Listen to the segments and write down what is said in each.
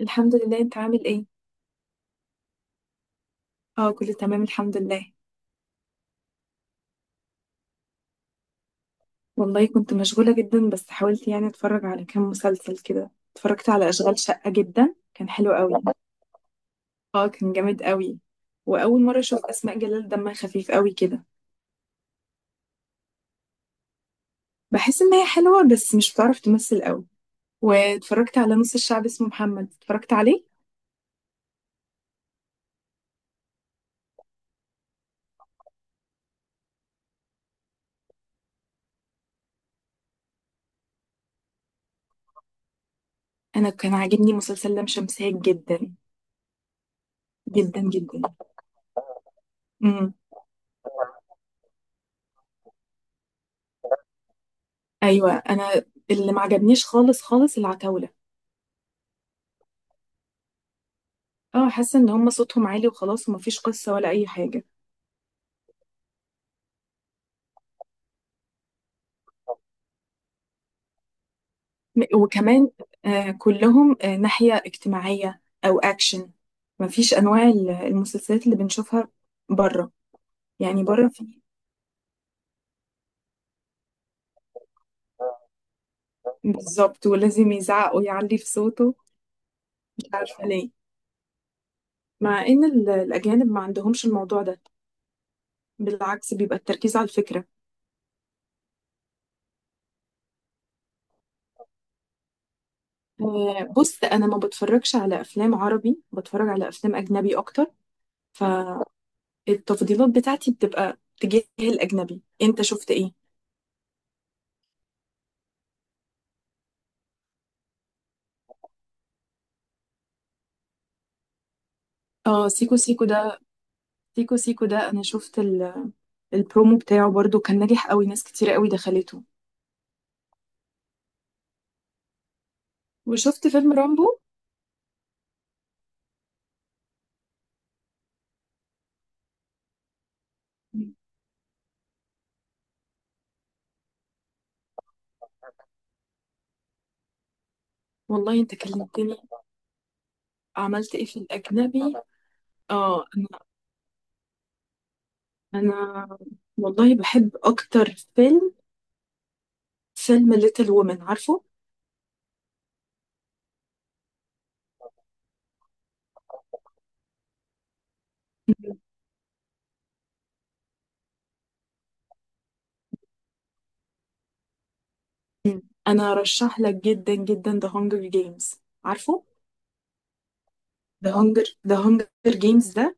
الحمد لله، انت عامل ايه؟ اه، كله تمام الحمد لله. والله كنت مشغولة جدا، بس حاولت يعني اتفرج على كام مسلسل كده. اتفرجت على اشغال شقة، جدا كان حلو قوي. اه كان جامد قوي. واول مرة اشوف اسماء جلال، دمها خفيف قوي كده. بحس ان هي حلوة بس مش بتعرف تمثل قوي. واتفرجت على نص الشعب اسمه محمد، اتفرجت عليه. انا كان عاجبني مسلسل لام شمسية جدا. جدا جدا. امم. ايوه. انا اللي ما عجبنيش خالص خالص العتاولة. اه، حاسه ان هم صوتهم عالي وخلاص، ومفيش قصه ولا اي حاجه. وكمان. آه، كلهم ناحيه اجتماعيه او اكشن. مفيش انواع المسلسلات اللي بنشوفها بره. يعني بره في. بالظبط، ولازم يزعق ويعلي في صوته. مش عارفه ليه. مع ان الاجانب ما عندهمش الموضوع ده. بالعكس، بيبقى التركيز على الفكره. آه، بص انا ما بتفرجش على افلام عربي، بتفرج على افلام اجنبي اكتر. فالتفضيلات بتاعتي بتبقى تجاه الاجنبي. انت شفت ايه؟ اه، سيكو سيكو ده. سيكو سيكو ده، انا شفت البرومو بتاعه برضو كان ناجح قوي، ناس كتير قوي دخلته. وشفت فيلم رامبو. والله انت كلمتني. عملت ايه في الاجنبي؟ اه، انا والله بحب اكتر فيلم ليتل وومن، عارفه؟ انا رشح لك جدا جدا ذا هانجر جيمز. عارفه؟ ذا هانجر جيمز ده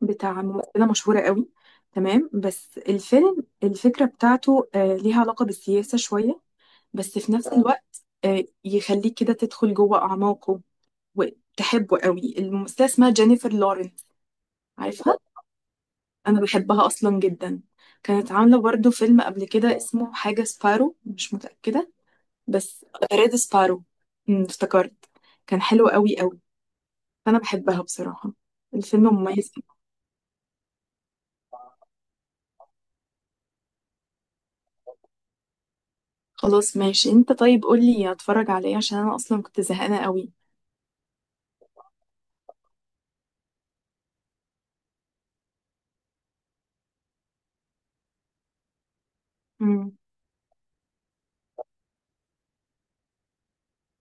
بتاع ممثلة مشهورة قوي. تمام، بس الفيلم الفكرة بتاعته ليها علاقة بالسياسة شوية. بس في نفس الوقت يخليك كده تدخل جوه أعماقه. وتحبه قوي. الممثلة اسمها جينيفر لورنس. عارفها؟ أنا بحبها أصلا جدا. كانت عاملة برضو فيلم قبل كده اسمه حاجة سبارو، مش متأكدة. بس ريد سبارو. افتكرت. كان حلو قوي قوي. فأنا بحبها بصراحة. الفيلم مميز. خلاص ماشي، انت طيب قولي اتفرج عليه عشان انا اصلا كنت زهقانة قوي. أمم.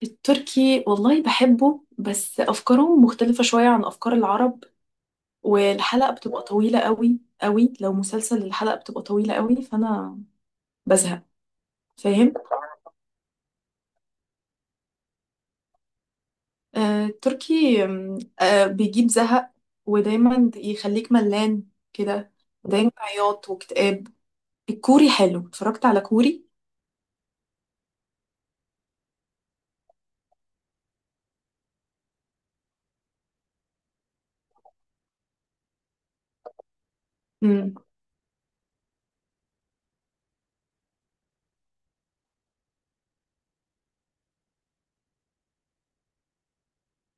التركي والله بحبه، بس أفكارهم مختلفة شوية عن أفكار العرب. والحلقة بتبقى طويلة قوي قوي، لو مسلسل الحلقة بتبقى طويلة قوي فأنا بزهق. فاهم. آه، التركي بيجيب زهق. ودايما يخليك ملان كده. دايما عياط واكتئاب. الكوري حلو، اتفرجت على كوري. امم.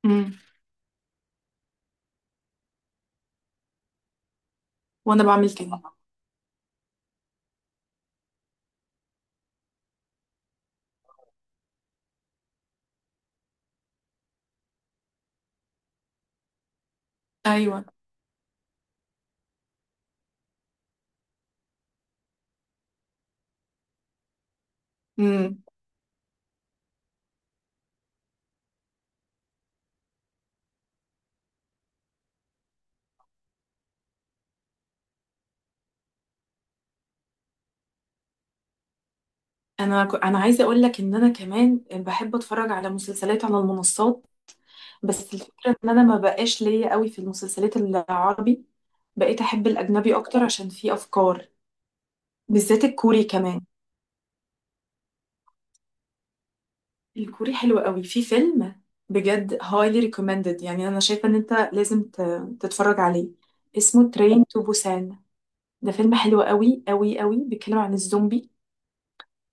امم. وانا بعمل كده. ايوه. امم. انا عايزه اقول لك ان انا كمان بحب اتفرج على مسلسلات على المنصات. بس الفكرة ان انا ما بقاش ليا قوي في المسلسلات العربي. بقيت احب الاجنبي اكتر عشان فيه افكار. بالذات الكوري كمان. الكوري حلو قوي. في فيلم بجد highly recommended، يعني انا شايفة ان انت لازم تتفرج عليه. اسمه Train to Busan. ده فيلم حلو قوي قوي قوي، بيتكلم عن الزومبي.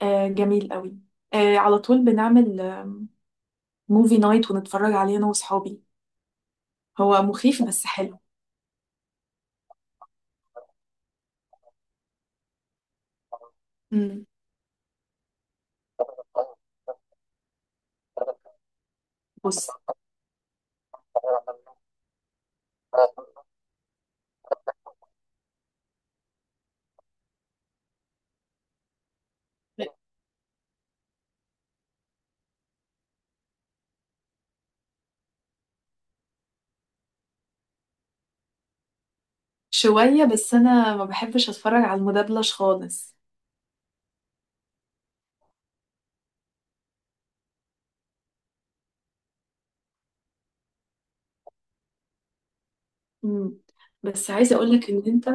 آه، جميل قوي. آه، على طول بنعمل موفي نايت ونتفرج عليه انا واصحابي. هو مخيف بس حلو. مم. بص. شوية بس أنا ما بحبش أتفرج على المدبلج خالص. مم. بس عايزة أقولك إن أنت،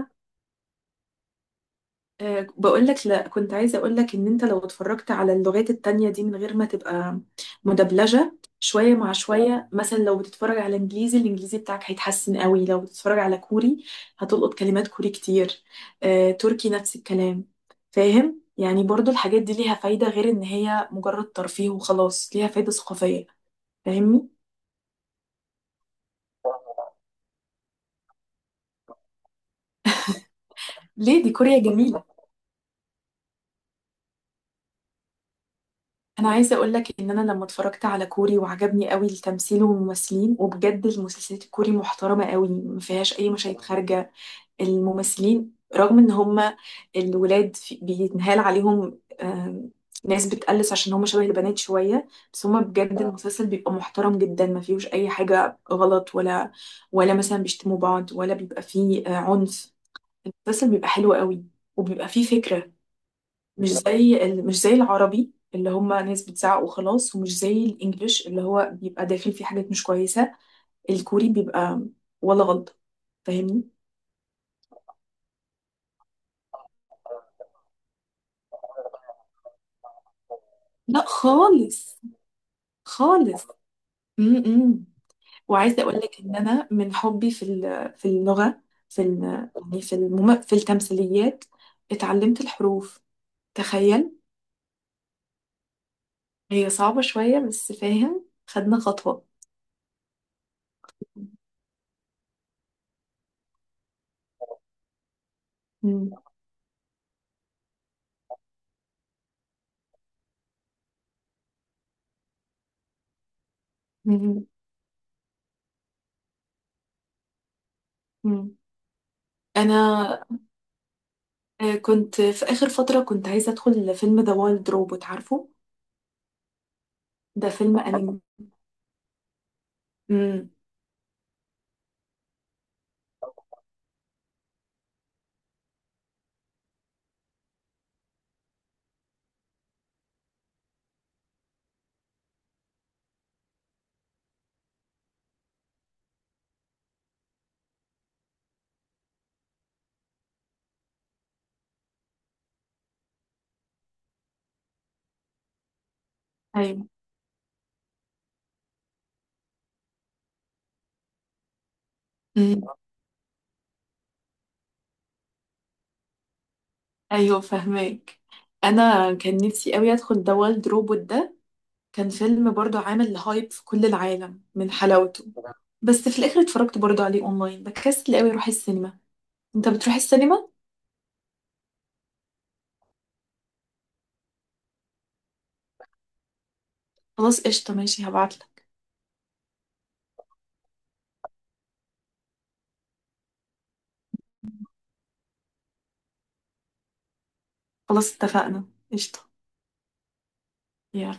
آه بقولك، لا كنت عايزة أقولك إن أنت لو اتفرجت على اللغات التانية دي من غير ما تبقى مدبلجة، شوية مع شوية، مثلا لو بتتفرج على إنجليزي الإنجليزي بتاعك هيتحسن قوي، لو بتتفرج على كوري هتلقط كلمات كوري كتير. آه، تركي نفس الكلام. فاهم؟ يعني برضو الحاجات دي ليها فايدة، غير إن هي مجرد ترفيه وخلاص، ليها فايدة ثقافية. فاهمني؟ ليه؟ دي كوريا جميلة. انا عايزه اقول لك ان انا لما اتفرجت على كوري وعجبني قوي التمثيل والممثلين، وبجد المسلسلات الكوري محترمه قوي، ما فيهاش اي مشاهد خارجه. الممثلين رغم ان هم الولاد بيتنهال عليهم، ناس بتقلص عشان هم شبه البنات شويه. بس هم بجد، المسلسل بيبقى محترم جدا، ما فيهوش اي حاجه غلط، ولا ولا مثلا بيشتموا بعض، ولا بيبقى فيه عنف. المسلسل بيبقى حلو قوي، وبيبقى فيه فكره. مش زي العربي اللي هم ناس بتزعق وخلاص، ومش زي الانجليش اللي هو بيبقى داخل فيه حاجات مش كويسة. الكوري بيبقى ولا غلطة. فاهمني؟ لا خالص، خالص. امم. وعايزة اقول لك ان انا من حبي في اللغة، في ال- يعني في التمثيليات، اتعلمت الحروف. تخيل. هي صعبة شوية بس فاهم، خدنا خطوة. مم. مم. مم. انا كنت في آخر فترة كنت عايزة أدخل فيلم ذا وايلد روبوت، عارفه؟ ده فيلم أنمي. امم. أيوه. امم. أيوه، فهماك. أنا كان نفسي أوي أدخل ذا وايلد روبوت ده. كان فيلم برضه عامل هايب في كل العالم من حلاوته. بس في الآخر اتفرجت برضه عليه أونلاين، بكسل أوي أروح السينما. أنت بتروح السينما؟ خلاص قشطة، ماشي هبعتلك. خلاص اتفقنا. قشطة. يلا.